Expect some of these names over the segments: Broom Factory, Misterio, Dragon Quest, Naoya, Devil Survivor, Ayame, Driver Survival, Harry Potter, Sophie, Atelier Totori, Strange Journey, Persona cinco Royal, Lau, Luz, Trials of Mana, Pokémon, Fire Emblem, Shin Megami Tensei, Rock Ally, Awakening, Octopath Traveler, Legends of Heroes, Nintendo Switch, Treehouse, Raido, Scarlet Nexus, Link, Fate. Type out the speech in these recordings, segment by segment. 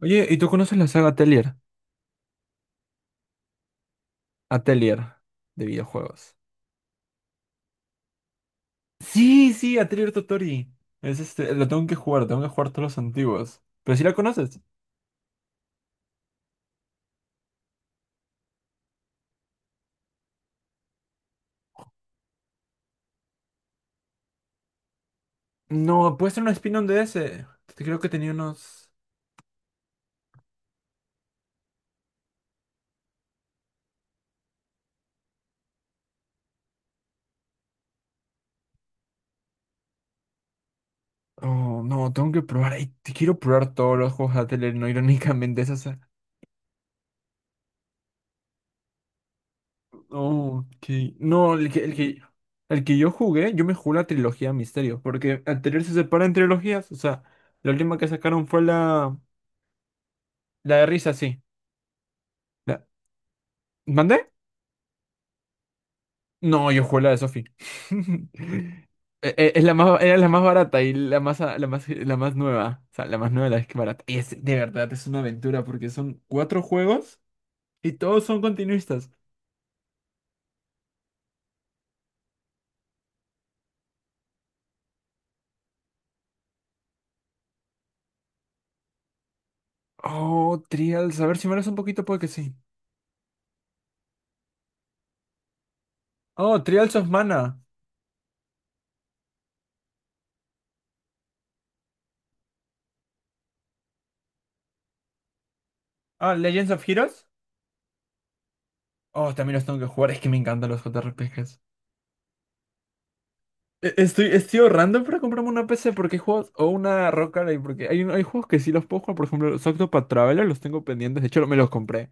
Oye, ¿y tú conoces la saga Atelier? Atelier de videojuegos. Sí, sí, Atelier Totori. Es lo tengo que jugar todos los antiguos. Pero si la conoces. No, puede ser un spin-on de ese. Creo que tenía unos. Oh, no, tengo que probar. Ay, te quiero probar todos los juegos de Atelier, no irónicamente esa saga. Oh, ok. No, el que yo me jugué la trilogía Misterio. Porque Atelier se separa en trilogías. O sea, la última que sacaron fue la. La de risa, sí. La... ¿Mandé? No, yo jugué la de Sophie. Es la más, era la más barata y la más nueva. O sea, la más nueva, la que barata. Y es, de verdad, es una aventura porque son cuatro juegos y todos son continuistas. Oh, Trials. A ver si me das un poquito, puede que sí. Oh, Trials of Mana. Ah, Legends of Heroes. Oh, también los tengo que jugar. Es que me encantan los JRPGs. Estoy ahorrando para comprarme una PC porque hay juegos o una Rock Ally, porque hay juegos que sí los puedo jugar. Por ejemplo, los Octopath Traveler los tengo pendientes. De hecho, me los compré.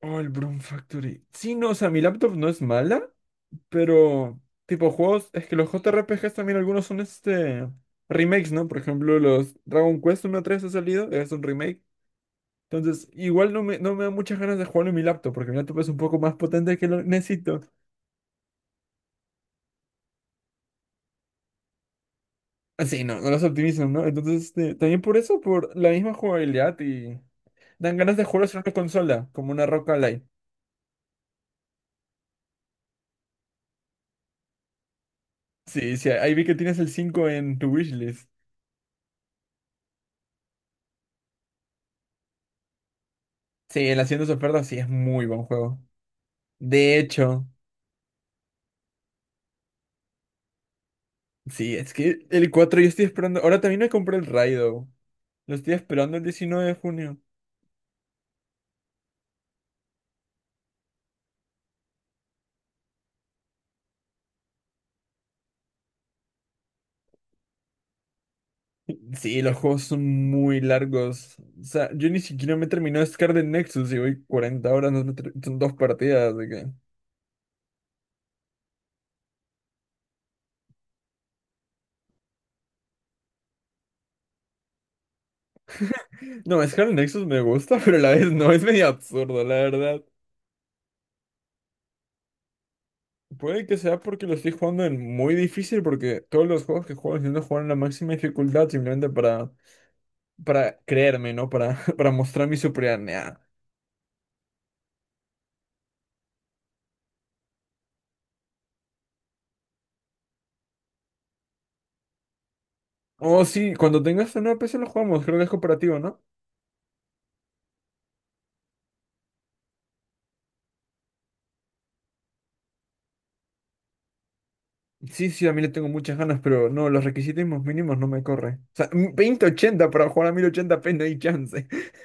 Oh, el Broom Factory. Sí, no, o sea, mi laptop no es mala, pero tipo juegos, es que los JRPGs también algunos son remakes, ¿no? Por ejemplo, los Dragon Quest uno a 3 ha salido, es un remake. Entonces, igual no me da muchas ganas de jugarlo en mi laptop, porque mi laptop es un poco más potente que lo necesito. Así, no, no los optimizan, ¿no? Entonces, también por eso, por la misma jugabilidad y dan ganas de jugarlos en una consola, como una Rock Ally. Sí, sí, ahí vi que tienes el 5 en tu wishlist. Sí, en las tiendas de ofertas sí es muy buen juego. De hecho, sí, es que el 4 yo estoy esperando. Ahora también me compré el Raido. Lo estoy esperando el 19 de junio. Sí, los juegos son muy largos. O sea, yo ni siquiera me terminó Scarlet Nexus y voy 40 horas, no me ter- son dos partidas, así que... No, Scarlet Nexus me gusta, pero a la vez no, es medio absurdo, la verdad. Puede que sea porque lo estoy jugando en muy difícil, porque todos los juegos que juego intento jugar en la máxima dificultad simplemente para creerme, ¿no? Para, para mostrar mi superioridad. Nah. Oh, sí, cuando tengas una nueva PC lo jugamos, creo que es cooperativo, ¿no? Sí, sí, a mí le tengo muchas ganas, pero no, los requisitos mínimos no me corre. O sea, 2080 para jugar a 1080p no hay chance.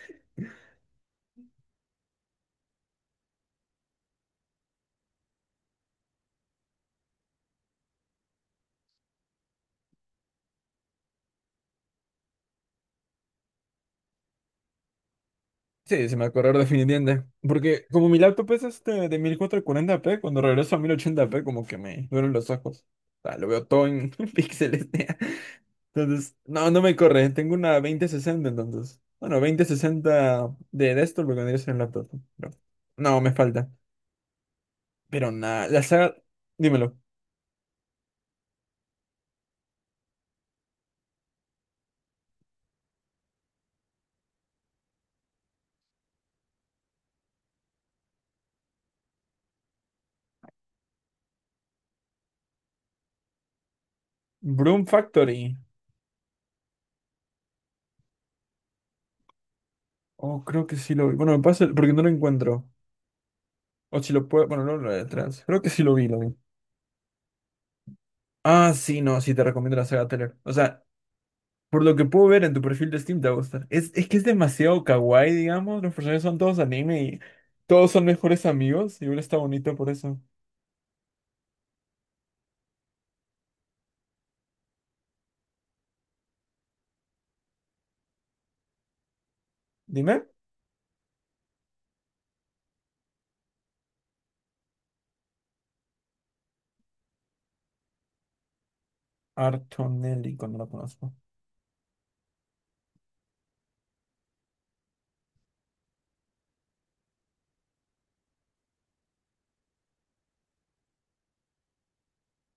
Sí, se me va a correr definitivamente. Porque como mi laptop es de 1440p, cuando regreso a 1080p como que me duelen los ojos. O sea, lo veo todo en píxeles, tía. Entonces, no, no me corre. Tengo una 2060 entonces. Bueno, 2060 de desktop lo que vendría a ser el laptop. Pero no, me falta. Pero nada, la saga... Dímelo. Broom Factory. Oh, creo que sí lo vi. Bueno, me pasa porque no lo encuentro. O si lo puedo. Bueno, no lo detrás. Creo que sí lo vi, lo vi. Ah, sí, no, sí te recomiendo la saga Teller. O sea, por lo que puedo ver en tu perfil de Steam te va a gustar. Es que es demasiado kawaii, digamos. Los personajes son todos anime y todos son mejores amigos. Y uno está bonito por eso. Dime. Artonelli, cuando lo conozco.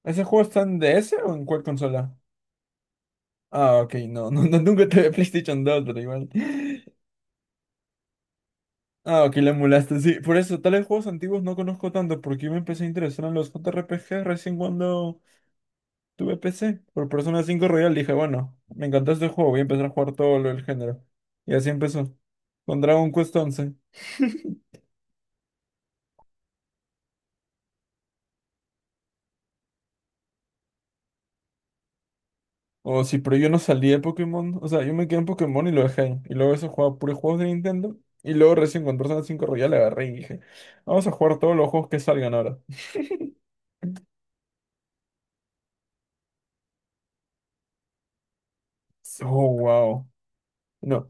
¿Ese juego está en DS o en cuál consola? Ah, ok, no, no, no, nunca te vi PlayStation 2, pero igual. Ah, ok, la emulaste. Sí, por eso, tales juegos antiguos no conozco tanto, porque yo me empecé a interesar en los JRPG recién cuando tuve PC. Por Persona cinco Royal dije, bueno, me encantó este juego, voy a empezar a jugar todo lo del género. Y así empezó. Con Dragon Quest 11. O sí, pero yo no salí de Pokémon. O sea, yo me quedé en Pokémon y lo dejé ahí. Y luego eso jugaba puros juegos de Nintendo. Y luego recién con Persona cinco Royal agarré y dije, vamos a jugar todos los juegos que salgan ahora. Oh, wow. No,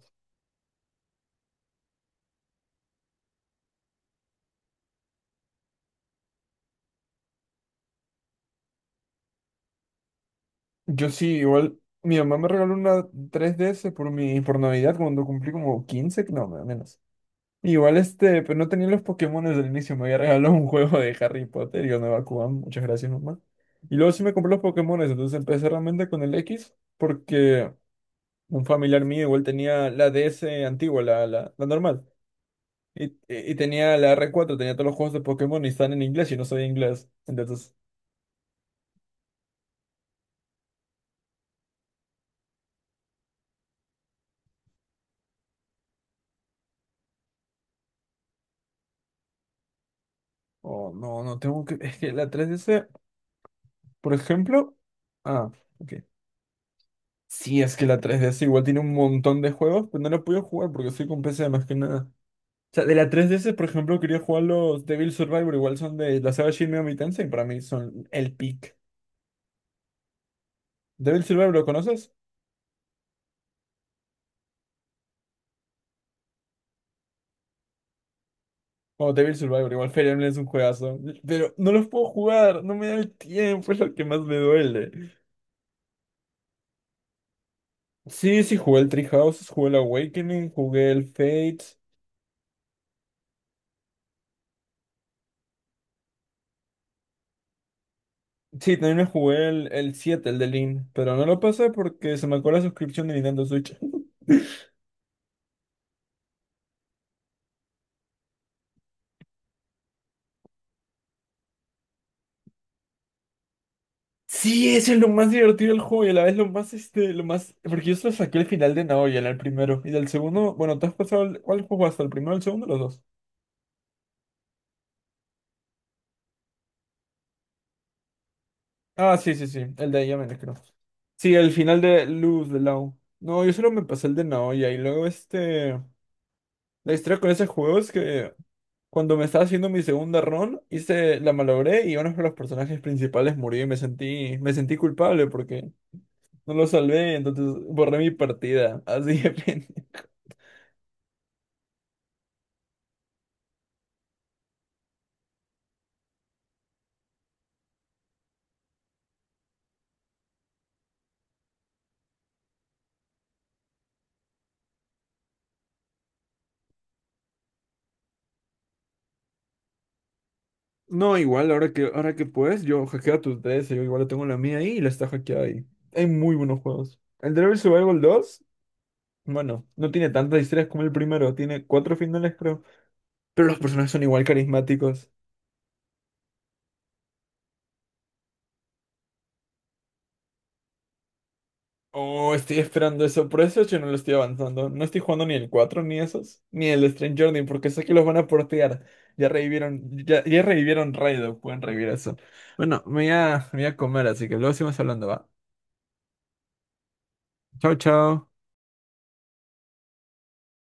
yo sí, igual mi mamá me regaló una 3DS por Navidad cuando cumplí como 15 no, menos. Igual, pero no tenía los Pokémon desde el inicio, me había regalado un juego de Harry Potter y yo no Kugan, muchas gracias mamá. Y luego sí me compré los Pokémon, entonces empecé realmente con el X porque un familiar mío igual tenía la DS antigua, la normal. Y tenía la R4 tenía todos los juegos de Pokémon y están en inglés y no sabía inglés. Entonces, oh no, no tengo que, es que la 3DS... Por ejemplo. Ah, ok. Sí, es que la 3DS igual tiene un montón de juegos, pero no lo puedo jugar porque soy con PC más que nada. O sea, de la 3DS, por ejemplo, quería jugar los Devil Survivor, igual son de la saga Shin Megami Tensei, y para mí son el pick. ¿Devil Survivor lo conoces? Oh, Devil Survivor, igual Fire Emblem es un juegazo. Pero no los puedo jugar, no me da el tiempo, es lo que más me duele. Sí, sí, jugué el Treehouse, jugué el Awakening, jugué el Fate. Sí, también me jugué el 7 el de Link, pero no lo pasé porque se me acabó la suscripción de Nintendo Switch. Sí, eso es lo más divertido del juego y a la vez lo más, lo más... Porque yo solo saqué el final de Naoya, el primero. Y del segundo, bueno, ¿te has pasado el... ¿Cuál juego hasta el primero, el segundo, los dos? Ah, sí, sí, sí, el de Ayame, creo. Sí, el final de Luz, de Lau. No, yo solo me pasé el de Naoya y luego este... La historia con ese juego es que... Cuando me estaba haciendo mi segunda run, hice, la malogré y uno de los personajes principales murió y me sentí culpable porque no lo salvé, entonces borré mi partida. Así de repente. No, igual, ahora que puedes, yo hackeo a tu DS, yo igual tengo la mía ahí y la está hackeada ahí. Hay muy buenos juegos. El Driver Survival 2 bueno, no tiene tantas historias como el primero, tiene cuatro finales, creo. Pero los personajes son igual carismáticos. Oh, estoy esperando eso. Por eso yo no lo estoy avanzando. No estoy jugando ni el 4 ni esos. Ni el Strange Journey, porque sé que los van a portear. Ya revivieron, ya revivieron Raido. Pueden revivir eso. Bueno, me voy a comer, así que luego seguimos hablando, ¿va? Chao, chao.